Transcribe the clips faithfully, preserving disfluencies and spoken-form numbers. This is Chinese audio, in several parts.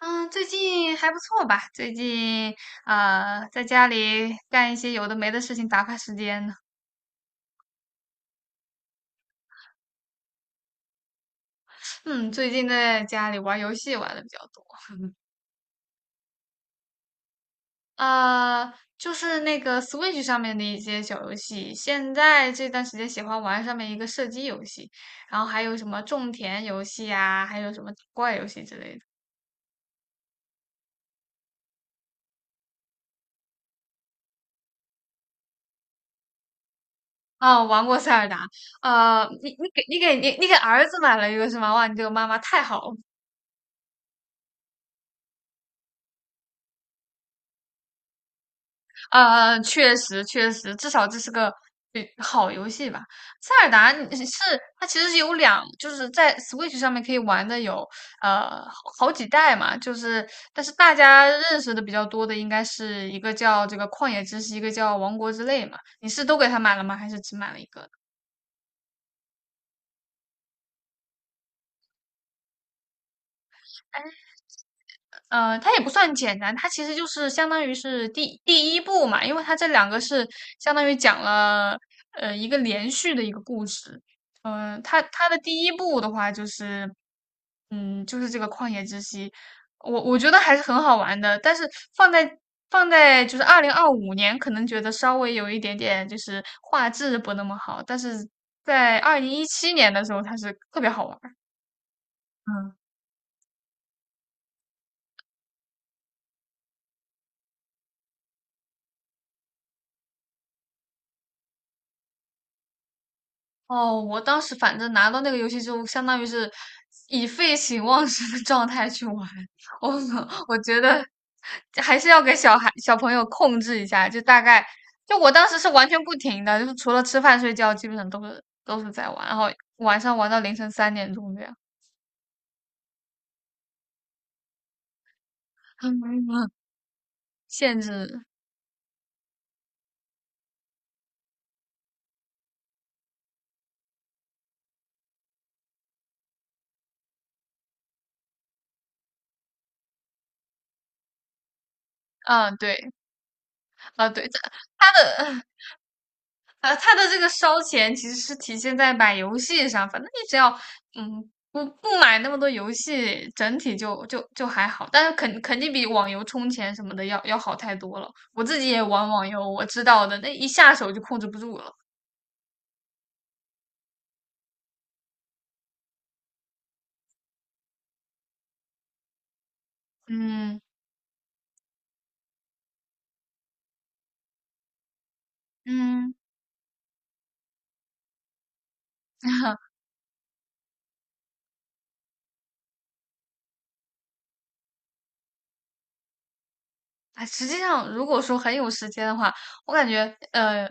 嗯，最近还不错吧？最近啊、呃在家里干一些有的没的事情打发时间呢。嗯，最近在家里玩游戏玩的比较多。呃，就是那个 Switch 上面的一些小游戏。现在这段时间喜欢玩上面一个射击游戏，然后还有什么种田游戏啊，还有什么打怪游戏之类的。哦，玩过塞尔达。呃，你你给你给你你给儿子买了一个是吗？哇，你这个妈妈太好了。呃，确实确实，至少这是个呃好游戏吧。塞尔达你是它其实是有两，就是在 Switch 上面可以玩的有呃好几代嘛。就是但是大家认识的比较多的应该是一个叫这个旷野之息，一个叫王国之泪嘛。你是都给它买了吗？还是只买了一个？呃，它也不算简单，它其实就是相当于是第第一部嘛，因为它这两个是相当于讲了呃一个连续的一个故事。嗯、呃它它的第一部的话就是，嗯，就是这个旷野之息。我我觉得还是很好玩的，但是放在放在就是二零二五年，可能觉得稍微有一点点就是画质不那么好，但是在二零一七年的时候，它是特别好玩儿。嗯。哦，我当时反正拿到那个游戏之后，相当于是以废寝忘食的状态去玩。我我觉得还是要给小孩小朋友控制一下，就大概就我当时是完全不停的，就是除了吃饭睡觉，基本上都是都是在玩，然后晚上玩到凌晨三点钟这样。限制。嗯，对。啊，对，他的呃，它的这个烧钱其实是体现在买游戏上，反正你只要嗯不不买那么多游戏，整体就就就还好，但是肯肯定比网游充钱什么的要要好太多了。我自己也玩网游，我知道的，那一下手就控制不住了。嗯嗯。哎，实际上，如果说很有时间的话，我感觉呃，呃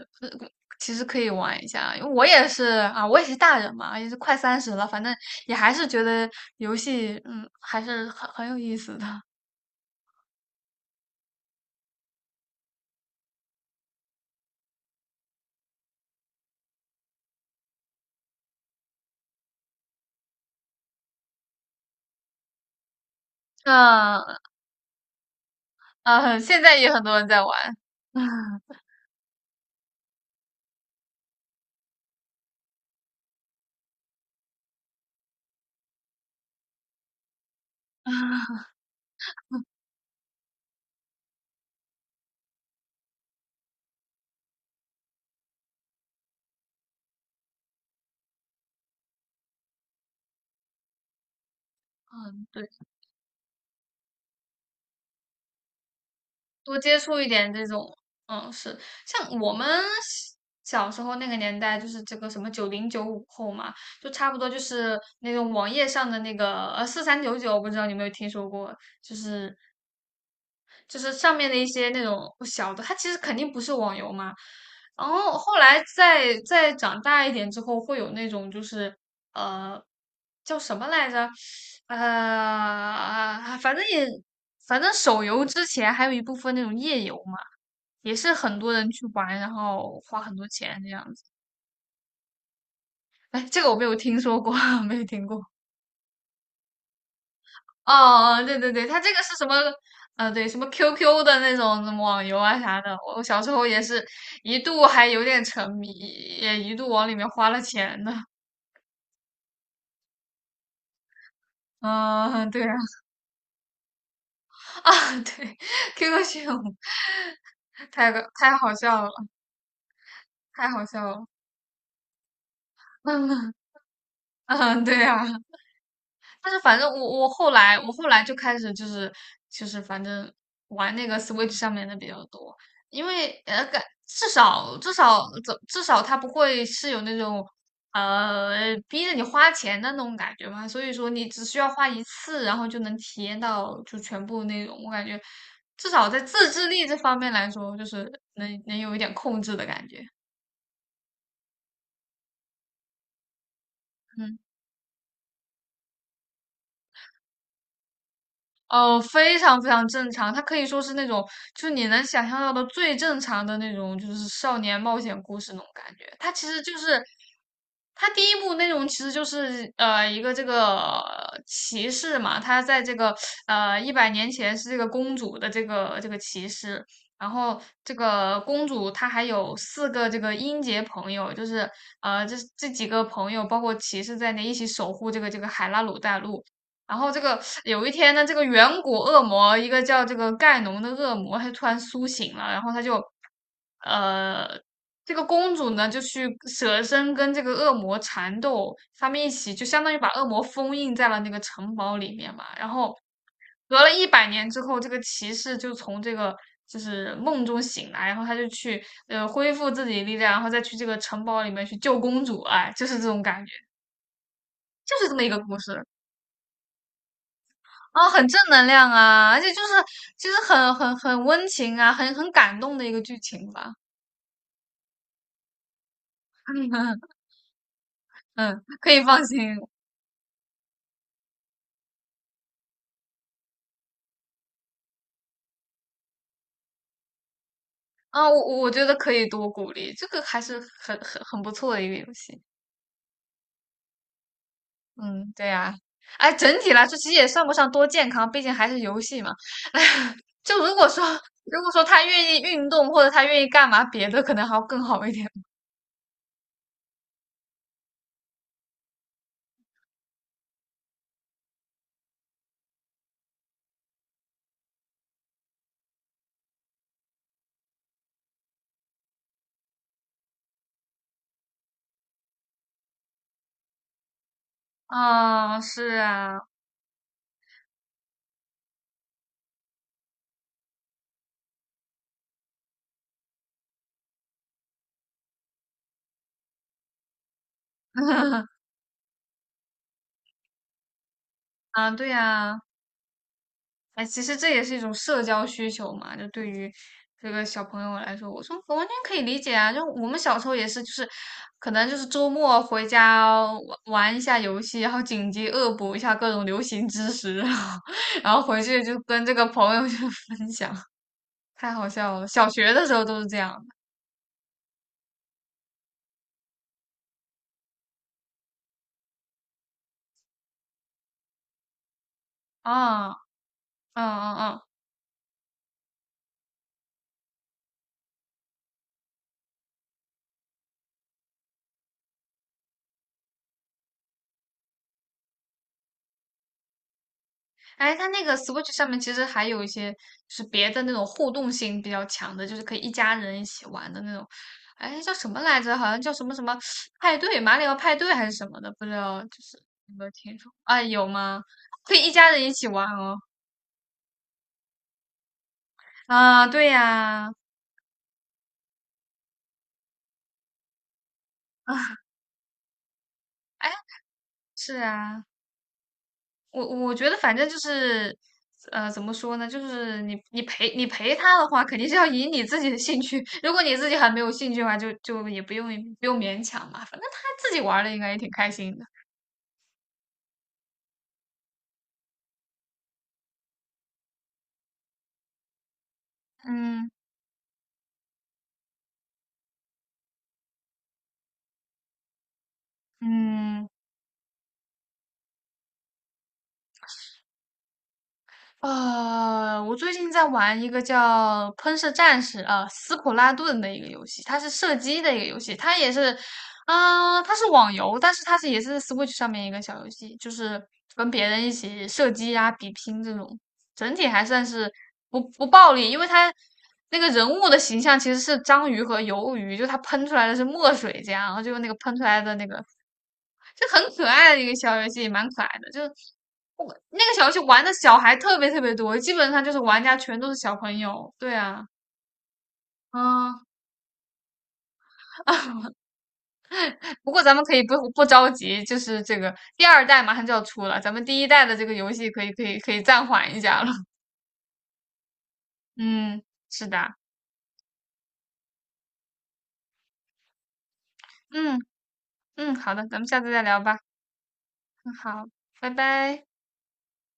其实可以玩一下。因为我也是啊，我也是大人嘛，也是快三十了，反正也还是觉得游戏，嗯，还是很很有意思的。嗯嗯，现在也很多人在玩。嗯，对。多接触一点这种，嗯，是像我们小时候那个年代，就是这个什么九零九五后嘛，就差不多就是那种网页上的那个呃四三九九，四三九九不知道你有没有听说过？就是就是上面的一些那种小的，它其实肯定不是网游嘛。然后后来再再长大一点之后，会有那种就是呃叫什么来着？呃，反正也反正手游之前还有一部分那种页游嘛，也是很多人去玩，然后花很多钱这样子。哎，这个我没有听说过。没有听过。哦哦，对对对，它这个是什么？呃，对，什么 Q Q 的那种什么网游啊啥的，我小时候也是一度还有点沉迷，也一度往里面花了钱呢。嗯，对啊。啊，对，Q Q 炫舞太个太好笑了，太好笑了。嗯嗯，对啊。但是反正我我后来我后来就开始就是就是反正玩那个 Switch 上面的比较多，因为呃感至少至少怎至少它不会是有那种呃逼着你花钱的那种感觉嘛。所以说你只需要花一次，然后就能体验到就全部那种，我感觉至少在自制力这方面来说，就是能能有一点控制的感觉。嗯。哦，非常非常正常，它可以说是那种，就是你能想象到的最正常的那种，就是少年冒险故事那种感觉。它其实就是，它第一部内容其实就是呃一个这个呃骑士嘛，他在这个呃一百年前是这个公主的这个这个骑士，然后这个公主她还有四个这个英杰朋友，就是呃这这几个朋友包括骑士在内一起守护这个这个海拉鲁大陆。然后这个有一天呢，这个远古恶魔，一个叫这个盖农的恶魔，他就突然苏醒了，然后他就，呃，这个公主呢就去舍身跟这个恶魔缠斗，他们一起就相当于把恶魔封印在了那个城堡里面嘛。然后隔了一百年之后，这个骑士就从这个就是梦中醒来，然后他就去呃恢复自己的力量，然后再去这个城堡里面去救公主，哎，就是这种感觉，就是这么一个故事。啊，很正能量啊，而且就是就是很很很温情啊，很很感动的一个剧情吧。嗯嗯，可以放心啊，我我觉得可以多鼓励，这个还是很很很不错的一个游戏。嗯，对呀、哎，整体来说其实也算不上多健康，毕竟还是游戏嘛。就如果说如果说他愿意运动或者他愿意干嘛别的，可能还要更好一点。啊，是啊，啊，对呀、哎，其实这也是一种社交需求嘛，就对于这个小朋友来说，我说我完全可以理解啊。就我们小时候也是，就是可能就是周末回家玩玩一下游戏，然后紧急恶补一下各种流行知识，然后然后回去就跟这个朋友就分享。太好笑了。小学的时候都是这样的啊。嗯嗯嗯。哎，它那个 Switch 上面其实还有一些就是别的那种互动性比较强的，就是可以一家人一起玩的那种。哎，叫什么来着？好像叫什么什么派对，马里奥派对还是什么的，不知道，就是有没有听说？啊，有吗？可以一家人一起玩哦。啊，对呀。啊，哎，是啊。我我觉得反正就是，呃，怎么说呢？就是你你陪你陪他的话，肯定是要以你自己的兴趣。如果你自己还没有兴趣的话，就就也不用不用勉强嘛。反正他自己玩的应该也挺开心的。嗯嗯。呃，我最近在玩一个叫《喷射战士》呃，斯普拉顿的一个游戏，它是射击的一个游戏，它也是，嗯、它是网游，但是它是也是 Switch 上面一个小游戏，就是跟别人一起射击啊、比拼这种，整体还算是不不暴力，因为它那个人物的形象其实是章鱼和鱿鱼，就它喷出来的是墨水这样，然后就那个喷出来的那个就很可爱的一个小游戏，蛮可爱的。就我那个小游戏玩的小孩特别特别多，基本上就是玩家全都是小朋友。对啊。嗯，不过咱们可以不不着急，就是这个第二代马上就要出了，咱们第一代的这个游戏可以可以可以暂缓一下了。嗯，是的。嗯嗯，好的，咱们下次再聊吧。嗯，好，拜拜。